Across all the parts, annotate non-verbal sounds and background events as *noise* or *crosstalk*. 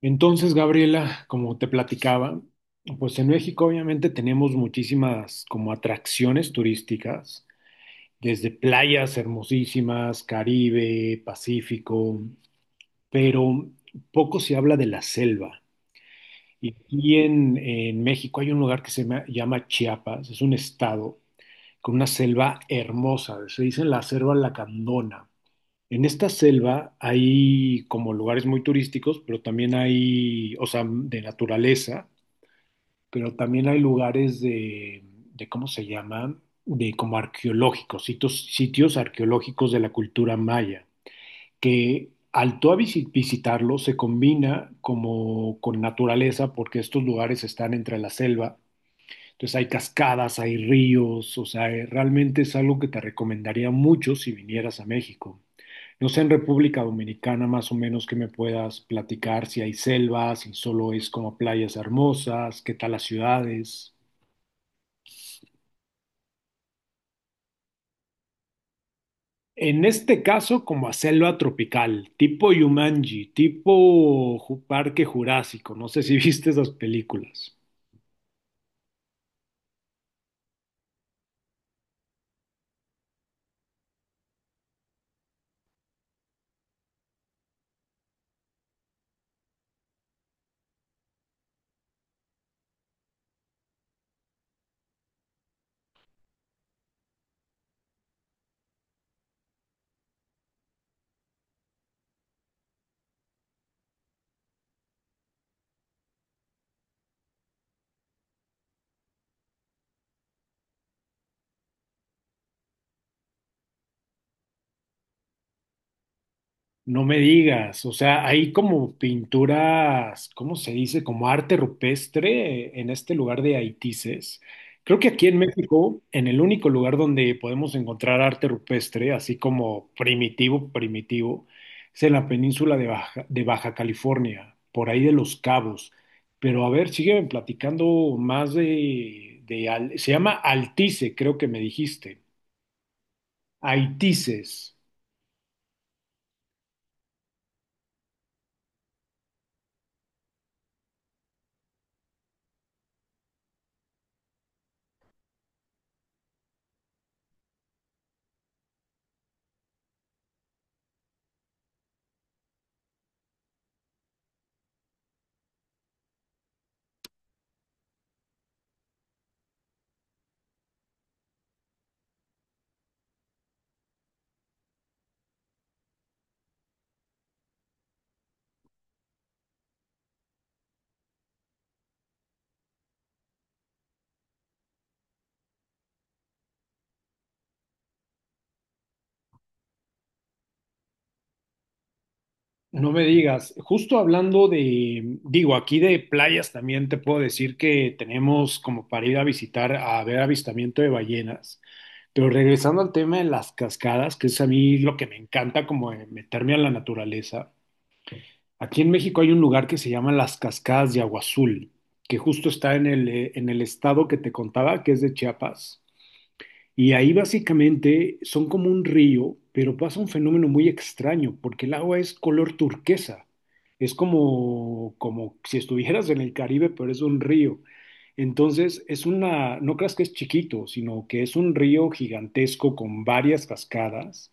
Entonces, Gabriela, como te platicaba, pues en México obviamente tenemos muchísimas como atracciones turísticas, desde playas hermosísimas, Caribe, Pacífico, pero poco se habla de la selva. Y aquí en México hay un lugar que llama Chiapas, es un estado con una selva hermosa, se dice la selva lacandona. En esta selva hay como lugares muy turísticos, pero también hay, o sea, de naturaleza, pero también hay lugares de ¿cómo se llama? De como arqueológicos, sitios arqueológicos de la cultura maya, que al tú a visitarlo se combina como con naturaleza porque estos lugares están entre la selva, entonces hay cascadas, hay ríos, o sea, realmente es algo que te recomendaría mucho si vinieras a México. No sé en República Dominicana más o menos que me puedas platicar, si hay selvas, si solo es como playas hermosas, qué tal las ciudades. En este caso, como a selva tropical, tipo Yumanji, Parque Jurásico, no sé si *laughs* viste esas películas. No me digas, o sea, hay como pinturas, ¿cómo se dice? Como arte rupestre en este lugar de Haitises. Creo que aquí en México, en el único lugar donde podemos encontrar arte rupestre, así como primitivo, primitivo, es en la península de Baja California, por ahí de Los Cabos. Pero a ver, sigue platicando más de, se llama Altice, creo que me dijiste. Haitises. No me digas, justo hablando de, digo, aquí de playas también te puedo decir que tenemos como para ir a visitar, a ver avistamiento de ballenas, pero regresando al tema de las cascadas, que es a mí lo que me encanta como de meterme a la naturaleza, aquí en México hay un lugar que se llama las Cascadas de Agua Azul, que justo está en el estado que te contaba, que es de Chiapas. Y ahí básicamente son como un río, pero pasa un fenómeno muy extraño, porque el agua es color turquesa. Es como, como si estuvieras en el Caribe, pero es un río. Entonces, es una, no creas que es chiquito, sino que es un río gigantesco con varias cascadas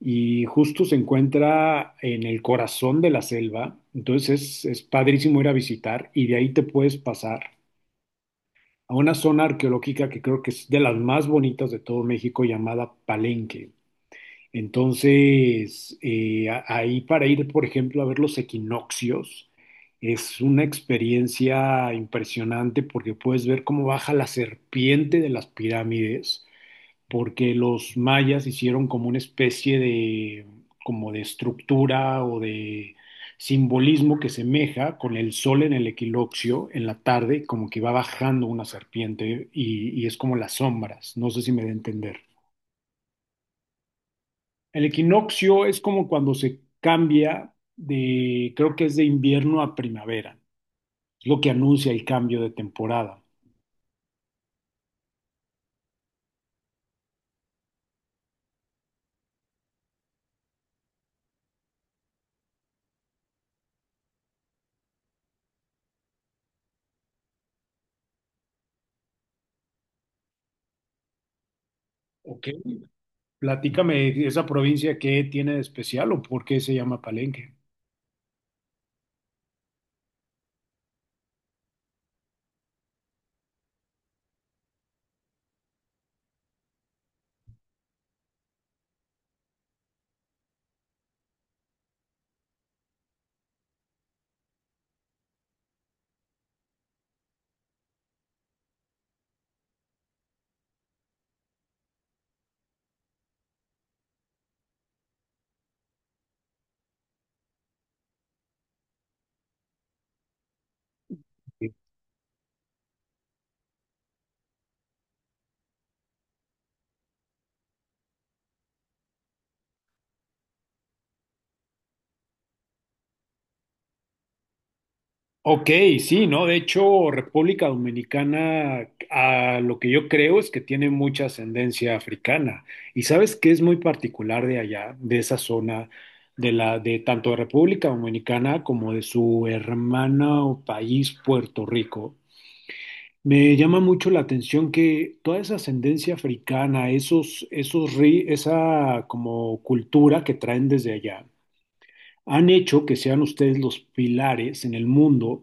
y justo se encuentra en el corazón de la selva. Entonces, es padrísimo ir a visitar y de ahí te puedes pasar a una zona arqueológica que creo que es de las más bonitas de todo México, llamada Palenque. Entonces, ahí para ir, por ejemplo, a ver los equinoccios, es una experiencia impresionante porque puedes ver cómo baja la serpiente de las pirámides, porque los mayas hicieron como una especie de, como de estructura o de simbolismo que semeja con el sol en el equinoccio en la tarde, como que va bajando una serpiente y es como las sombras, no sé si me da a entender. El equinoccio es como cuando se cambia de, creo que es de invierno a primavera, es lo que anuncia el cambio de temporada. Ok, platícame esa provincia qué tiene de especial o por qué se llama Palenque. Ok, sí, ¿no? De hecho, República Dominicana, a lo que yo creo es que tiene mucha ascendencia africana. Y sabes qué es muy particular de allá, de esa zona, de la, de tanto de República Dominicana como de su hermana o país, Puerto Rico. Me llama mucho la atención que toda esa ascendencia africana, esa como cultura que traen desde allá han hecho que sean ustedes los pilares en el mundo,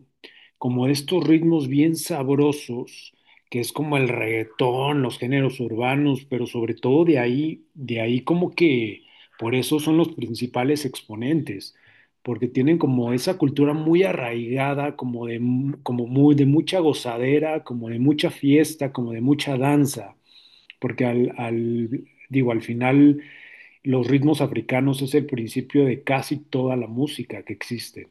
como estos ritmos bien sabrosos, que es como el reggaetón, los géneros urbanos, pero sobre todo de ahí como que por eso son los principales exponentes, porque tienen como esa cultura muy arraigada, como de, como muy, de mucha gozadera, como de mucha fiesta, como de mucha danza porque digo, al final los ritmos africanos es el principio de casi toda la música que existe.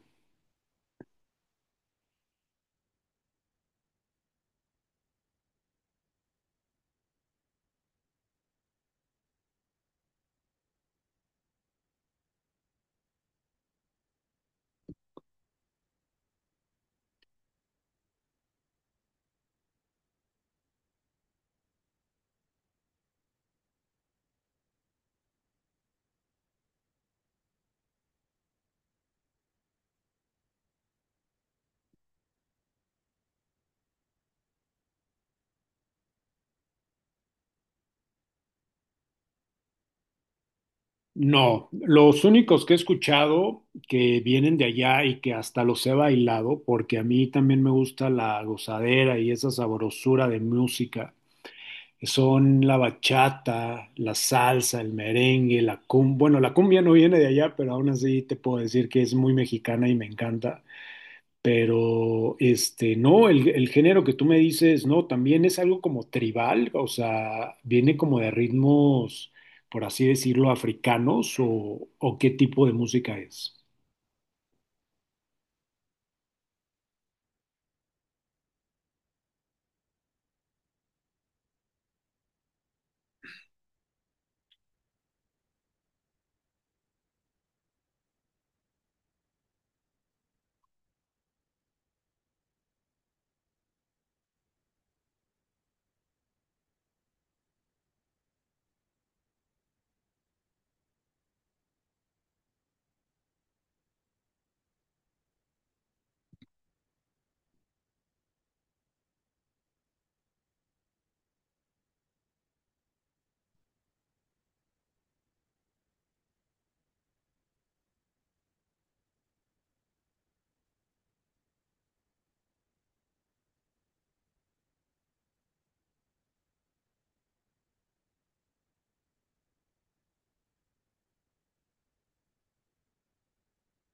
No, los únicos que he escuchado que vienen de allá y que hasta los he bailado, porque a mí también me gusta la gozadera y esa sabrosura de música, son la bachata, la salsa, el merengue, la cumbia. Bueno, la cumbia no viene de allá, pero aún así te puedo decir que es muy mexicana y me encanta. Pero, este, no, el género que tú me dices, no, también es algo como tribal, o sea, viene como de ritmos, por así decirlo, africanos o qué tipo de música es.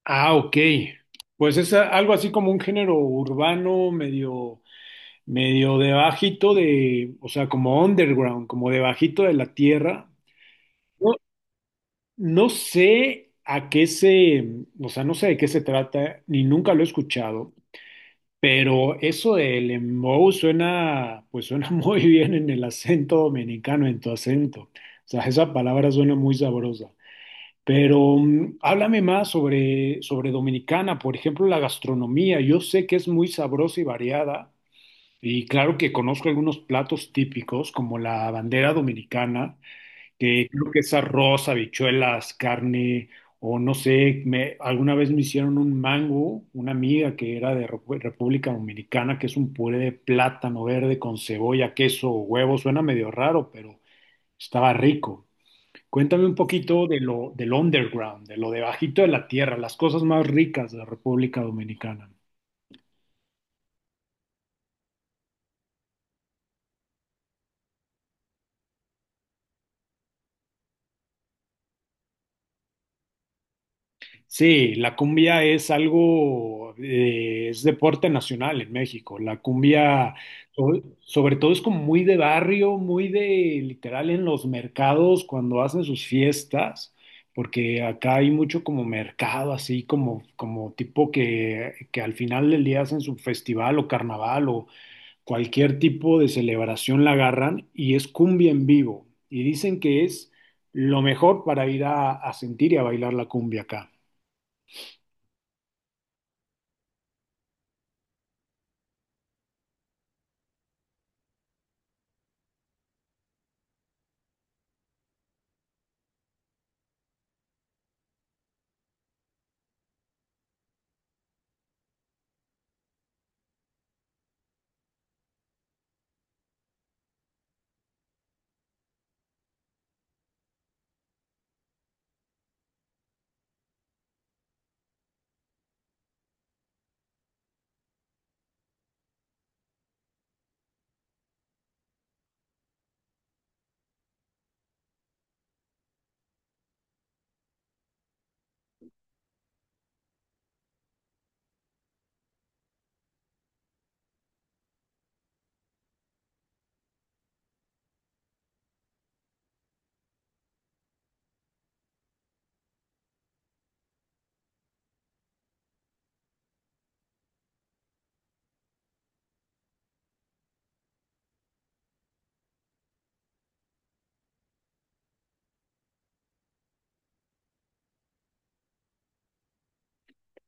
Ah, ok. Pues es algo así como un género urbano, medio, medio de bajito de, o sea, como underground, como de bajito de la tierra. No, no sé a qué se, o sea, no sé de qué se trata, ni nunca lo he escuchado. Pero eso del embou suena, pues suena *laughs* muy bien en el acento dominicano, en tu acento. O sea, esa palabra suena muy sabrosa. Pero háblame más sobre Dominicana, por ejemplo, la gastronomía. Yo sé que es muy sabrosa y variada. Y claro que conozco algunos platos típicos, como la bandera dominicana, que creo que es arroz, habichuelas, carne, o no sé, me, alguna vez me hicieron un mango, una amiga que era de República Dominicana, que es un puré de plátano verde con cebolla, queso, huevo, suena medio raro, pero estaba rico. Cuéntame un poquito de lo, del underground, de lo debajito de la tierra, las cosas más ricas de la República Dominicana. Sí, la cumbia es algo, es deporte nacional en México. La cumbia, sobre todo, es como muy de barrio, muy de literal en los mercados cuando hacen sus fiestas, porque acá hay mucho como mercado, así como, como tipo que al final del día hacen su festival o carnaval o cualquier tipo de celebración la agarran y es cumbia en vivo. Y dicen que es lo mejor para ir a sentir y a bailar la cumbia acá.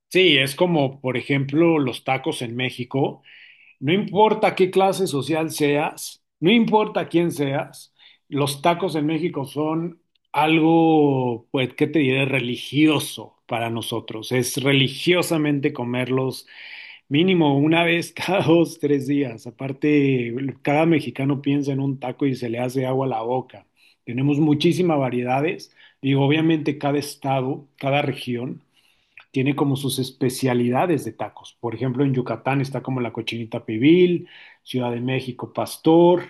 Sí, es como, por ejemplo, los tacos en México. No importa qué clase social seas, no importa quién seas, los tacos en México son algo, pues, ¿qué te diré? Religioso para nosotros. Es religiosamente comerlos mínimo una vez *laughs* cada dos, tres días. Aparte, cada mexicano piensa en un taco y se le hace agua a la boca. Tenemos muchísimas variedades. Digo, obviamente cada estado, cada región tiene como sus especialidades de tacos. Por ejemplo, en Yucatán está como la cochinita pibil, Ciudad de México pastor,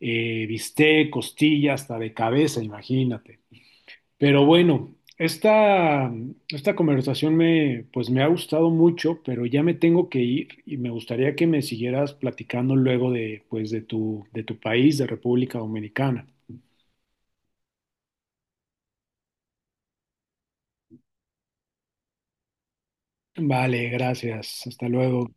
bistec, costilla, hasta de cabeza, imagínate. Pero bueno, esta conversación me, pues me ha gustado mucho, pero ya me tengo que ir y me gustaría que me siguieras platicando luego de, pues, de tu país, de República Dominicana. Vale, gracias. Hasta luego.